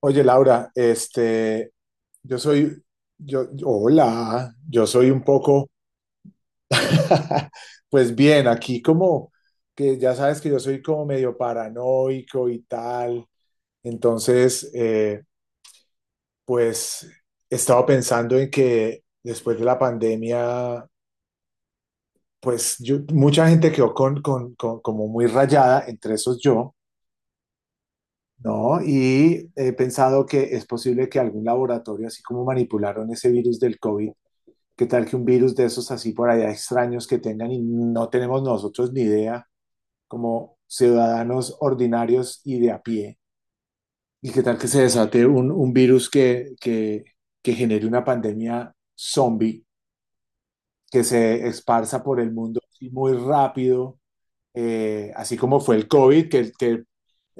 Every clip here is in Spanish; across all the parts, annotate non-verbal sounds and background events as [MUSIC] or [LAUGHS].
Oye, Laura, este, yo soy, yo- hola, yo soy un poco, [LAUGHS] pues bien, aquí como que ya sabes que yo soy como medio paranoico y tal, entonces, pues he estado pensando en que después de la pandemia, pues mucha gente quedó como muy rayada, entre esos yo. ¿No? Y he pensado que es posible que algún laboratorio, así como manipularon ese virus del COVID. ¿Qué tal que un virus de esos así por allá extraños que tengan y no tenemos nosotros ni idea como ciudadanos ordinarios y de a pie? ¿Y qué tal que se desate un virus que genere una pandemia zombie que se esparza por el mundo así muy rápido, así como fue el COVID, que, que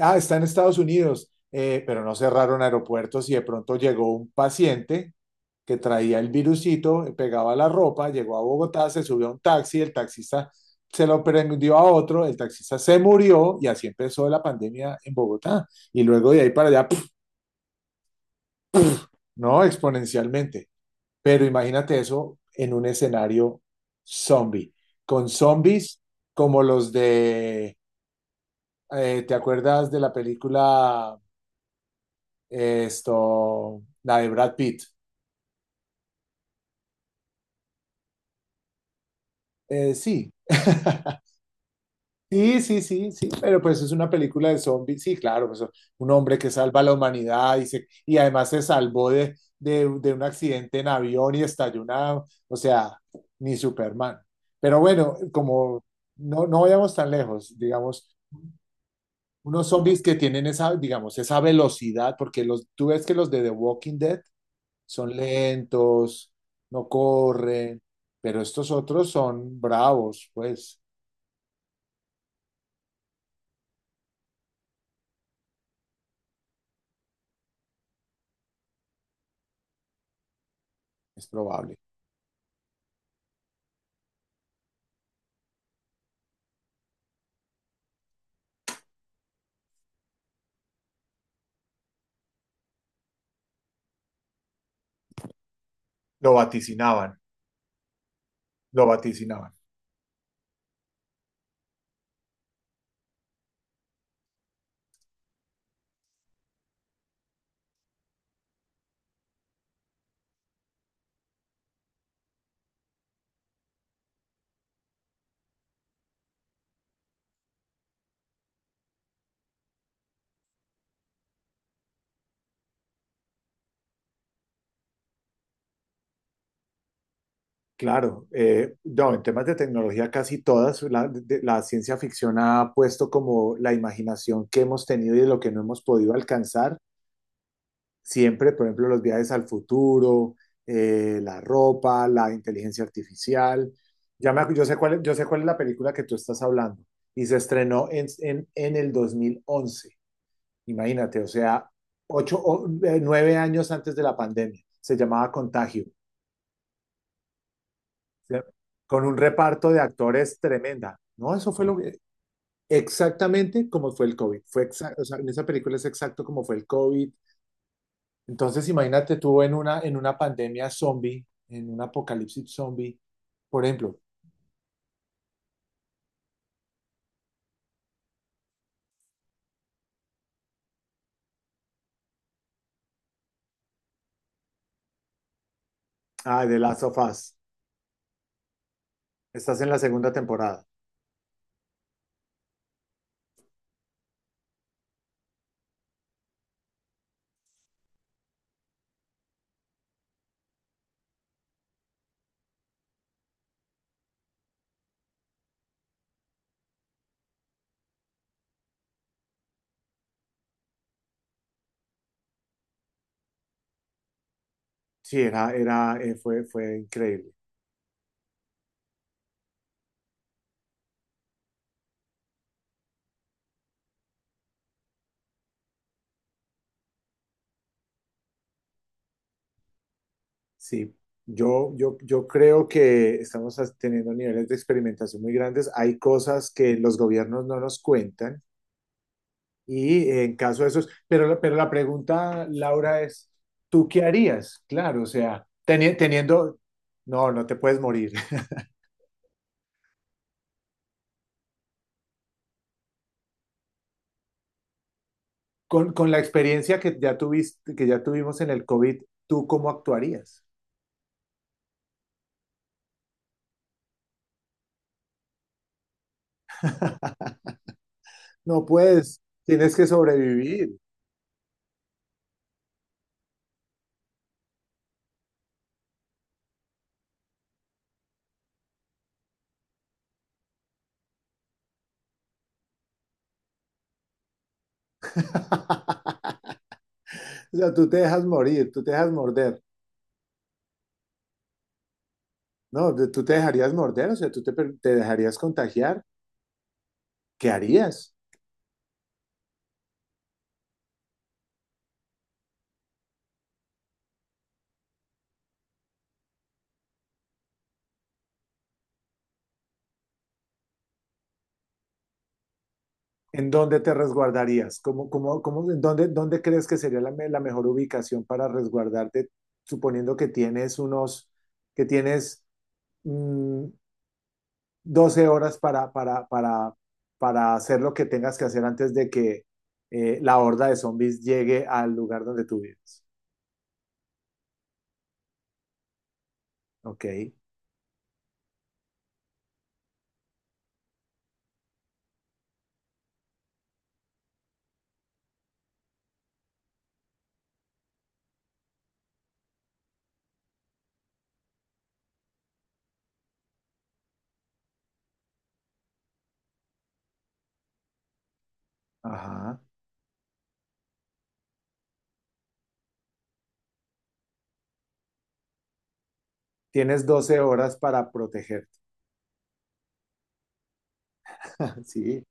ah, está en Estados Unidos, pero no cerraron aeropuertos y de pronto llegó un paciente que traía el virusito, pegaba la ropa, llegó a Bogotá, se subió a un taxi, el taxista se lo prendió a otro, el taxista se murió y así empezó la pandemia en Bogotá. Y luego de ahí para allá, ¡puf! No, exponencialmente. Pero imagínate eso en un escenario zombie, con zombies como los de, ¿te acuerdas de la película, esto, la de Brad Pitt? Sí, [LAUGHS] sí, sí, sí, sí, pero pues es una película de zombies, sí, claro, pues un hombre que salva a la humanidad y además se salvó de un accidente en avión y estalló una, o sea, ni Superman. Pero bueno, como no vayamos tan lejos, digamos, unos zombies que tienen esa, digamos, esa velocidad, porque tú ves que los de The Walking Dead son lentos, no corren, pero estos otros son bravos, pues es probable. Lo vaticinaban. Lo vaticinaban. Claro, no, en temas de tecnología casi todas, la ciencia ficción ha puesto como la imaginación que hemos tenido y de lo que no hemos podido alcanzar, siempre, por ejemplo, los viajes al futuro, la ropa, la inteligencia artificial. Yo sé cuál es la película que tú estás hablando y se estrenó en, en el 2011. Imagínate, o sea, ocho, 9 años antes de la pandemia, se llamaba Contagio. Sea, con un reparto de actores tremenda. No, eso fue lo que, exactamente como fue el COVID. O sea, en esa película es exacto como fue el COVID. Entonces, imagínate tú en una pandemia zombie, en un apocalipsis zombie, por ejemplo, ah, de Last of Us. Estás en la segunda temporada. Sí, fue increíble. Sí, yo creo que estamos teniendo niveles de experimentación muy grandes. Hay cosas que los gobiernos no nos cuentan. Y en caso de esos, pero la pregunta, Laura, es, ¿tú qué harías? Claro, o sea, teniendo, no, no te puedes morir. [LAUGHS] Con la experiencia que ya tuviste, que ya tuvimos en el COVID, ¿tú cómo actuarías? No puedes, tienes que sobrevivir. [LAUGHS] O sea, tú te dejas morir, tú te dejas morder. No, tú te dejarías morder, o sea, te dejarías contagiar. ¿Qué harías? ¿En dónde te resguardarías? ¿Cómo, dónde crees que sería la mejor ubicación para resguardarte, suponiendo que tienes mm, 12 horas para hacer lo que tengas que hacer antes de que la horda de zombies llegue al lugar donde tú vives? Ok, ajá. Tienes 12 horas para protegerte. [LAUGHS] Sí,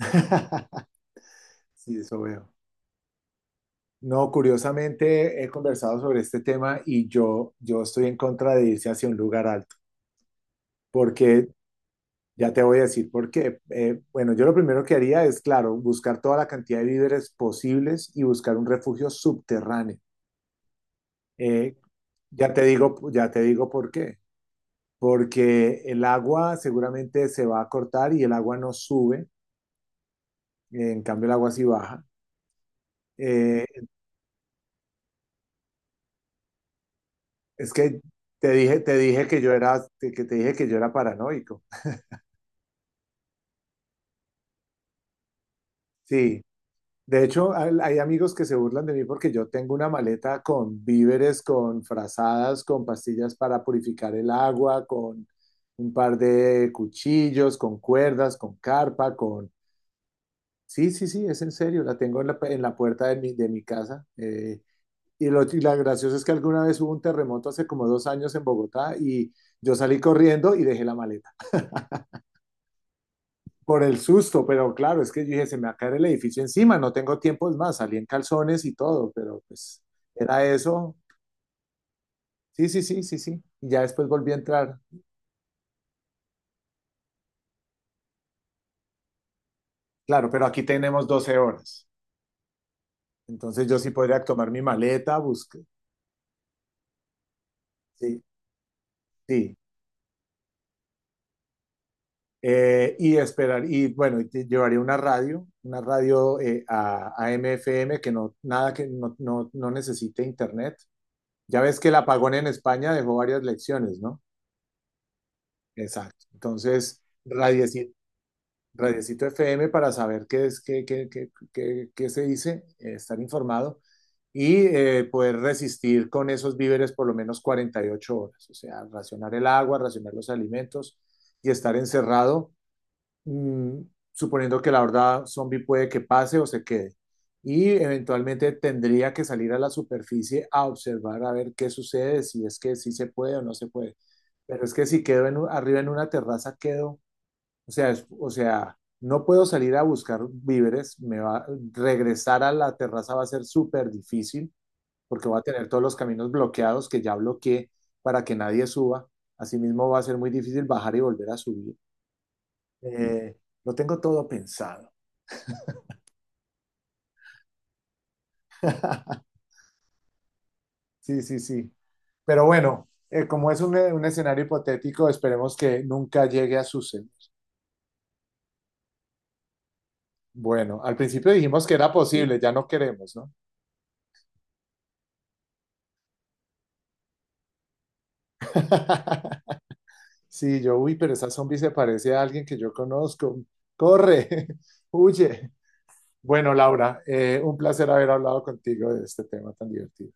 [LAUGHS] sí, eso veo. No, curiosamente he conversado sobre este tema y yo estoy en contra de irse hacia un lugar alto, porque ya te voy a decir por qué. Bueno, yo lo primero que haría es, claro, buscar toda la cantidad de víveres posibles y buscar un refugio subterráneo. Eh, ya te digo, ya te digo por qué. Porque el agua seguramente se va a cortar y el agua no sube, en cambio el agua sí baja. Eh, es que te dije que yo era paranoico. Sí, de hecho, hay amigos que se burlan de mí porque yo tengo una maleta con víveres, con frazadas, con pastillas para purificar el agua, con un par de cuchillos, con cuerdas, con carpa, con... Sí, sí, sí, es en serio, la tengo en la, puerta de mi casa. Y la graciosa es que alguna vez hubo un terremoto hace como 2 años en Bogotá y yo salí corriendo y dejé la maleta. Por el susto, pero claro, es que yo dije, se me va a caer el edificio encima, no tengo tiempo, es más, salí en calzones y todo, pero pues era eso. Sí, sí, sí, sí, sí. Y ya después volví a entrar. Claro, pero aquí tenemos 12 horas. Entonces yo sí podría tomar mi maleta, busque. Sí, sí. Y esperar, y bueno, llevaría una radio, una radio, A M F M que no, nada que no, no, no necesite internet. Ya ves que el apagón en España dejó varias lecciones, ¿no? Exacto. Entonces, radio. Radiecito FM para saber qué es, qué, qué, qué, qué- qué se dice, estar informado y poder resistir con esos víveres por lo menos 48 horas, o sea, racionar el agua, racionar los alimentos y estar encerrado, mm, suponiendo que la horda zombie puede que pase o se quede. Y eventualmente tendría que salir a la superficie a observar a ver qué sucede, si es que sí se puede o no se puede. Pero es que si quedo arriba en una terraza, quedo, o sea, no puedo salir a buscar víveres, regresar a la terraza va a ser súper difícil porque voy a tener todos los caminos bloqueados que ya bloqueé para que nadie suba. Asimismo, va a ser muy difícil bajar y volver a subir. Eh, lo tengo todo pensado. [LAUGHS] Sí, sí, sí. Pero bueno, como es un escenario hipotético, esperemos que nunca llegue a suceder. Bueno, al principio dijimos que era, sí, posible, ya no queremos, ¿no? [LAUGHS] Sí, uy, pero esa zombie se parece a alguien que yo conozco. Corre, [LAUGHS] huye. Bueno, Laura, un placer haber hablado contigo de este tema tan divertido.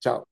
Chao.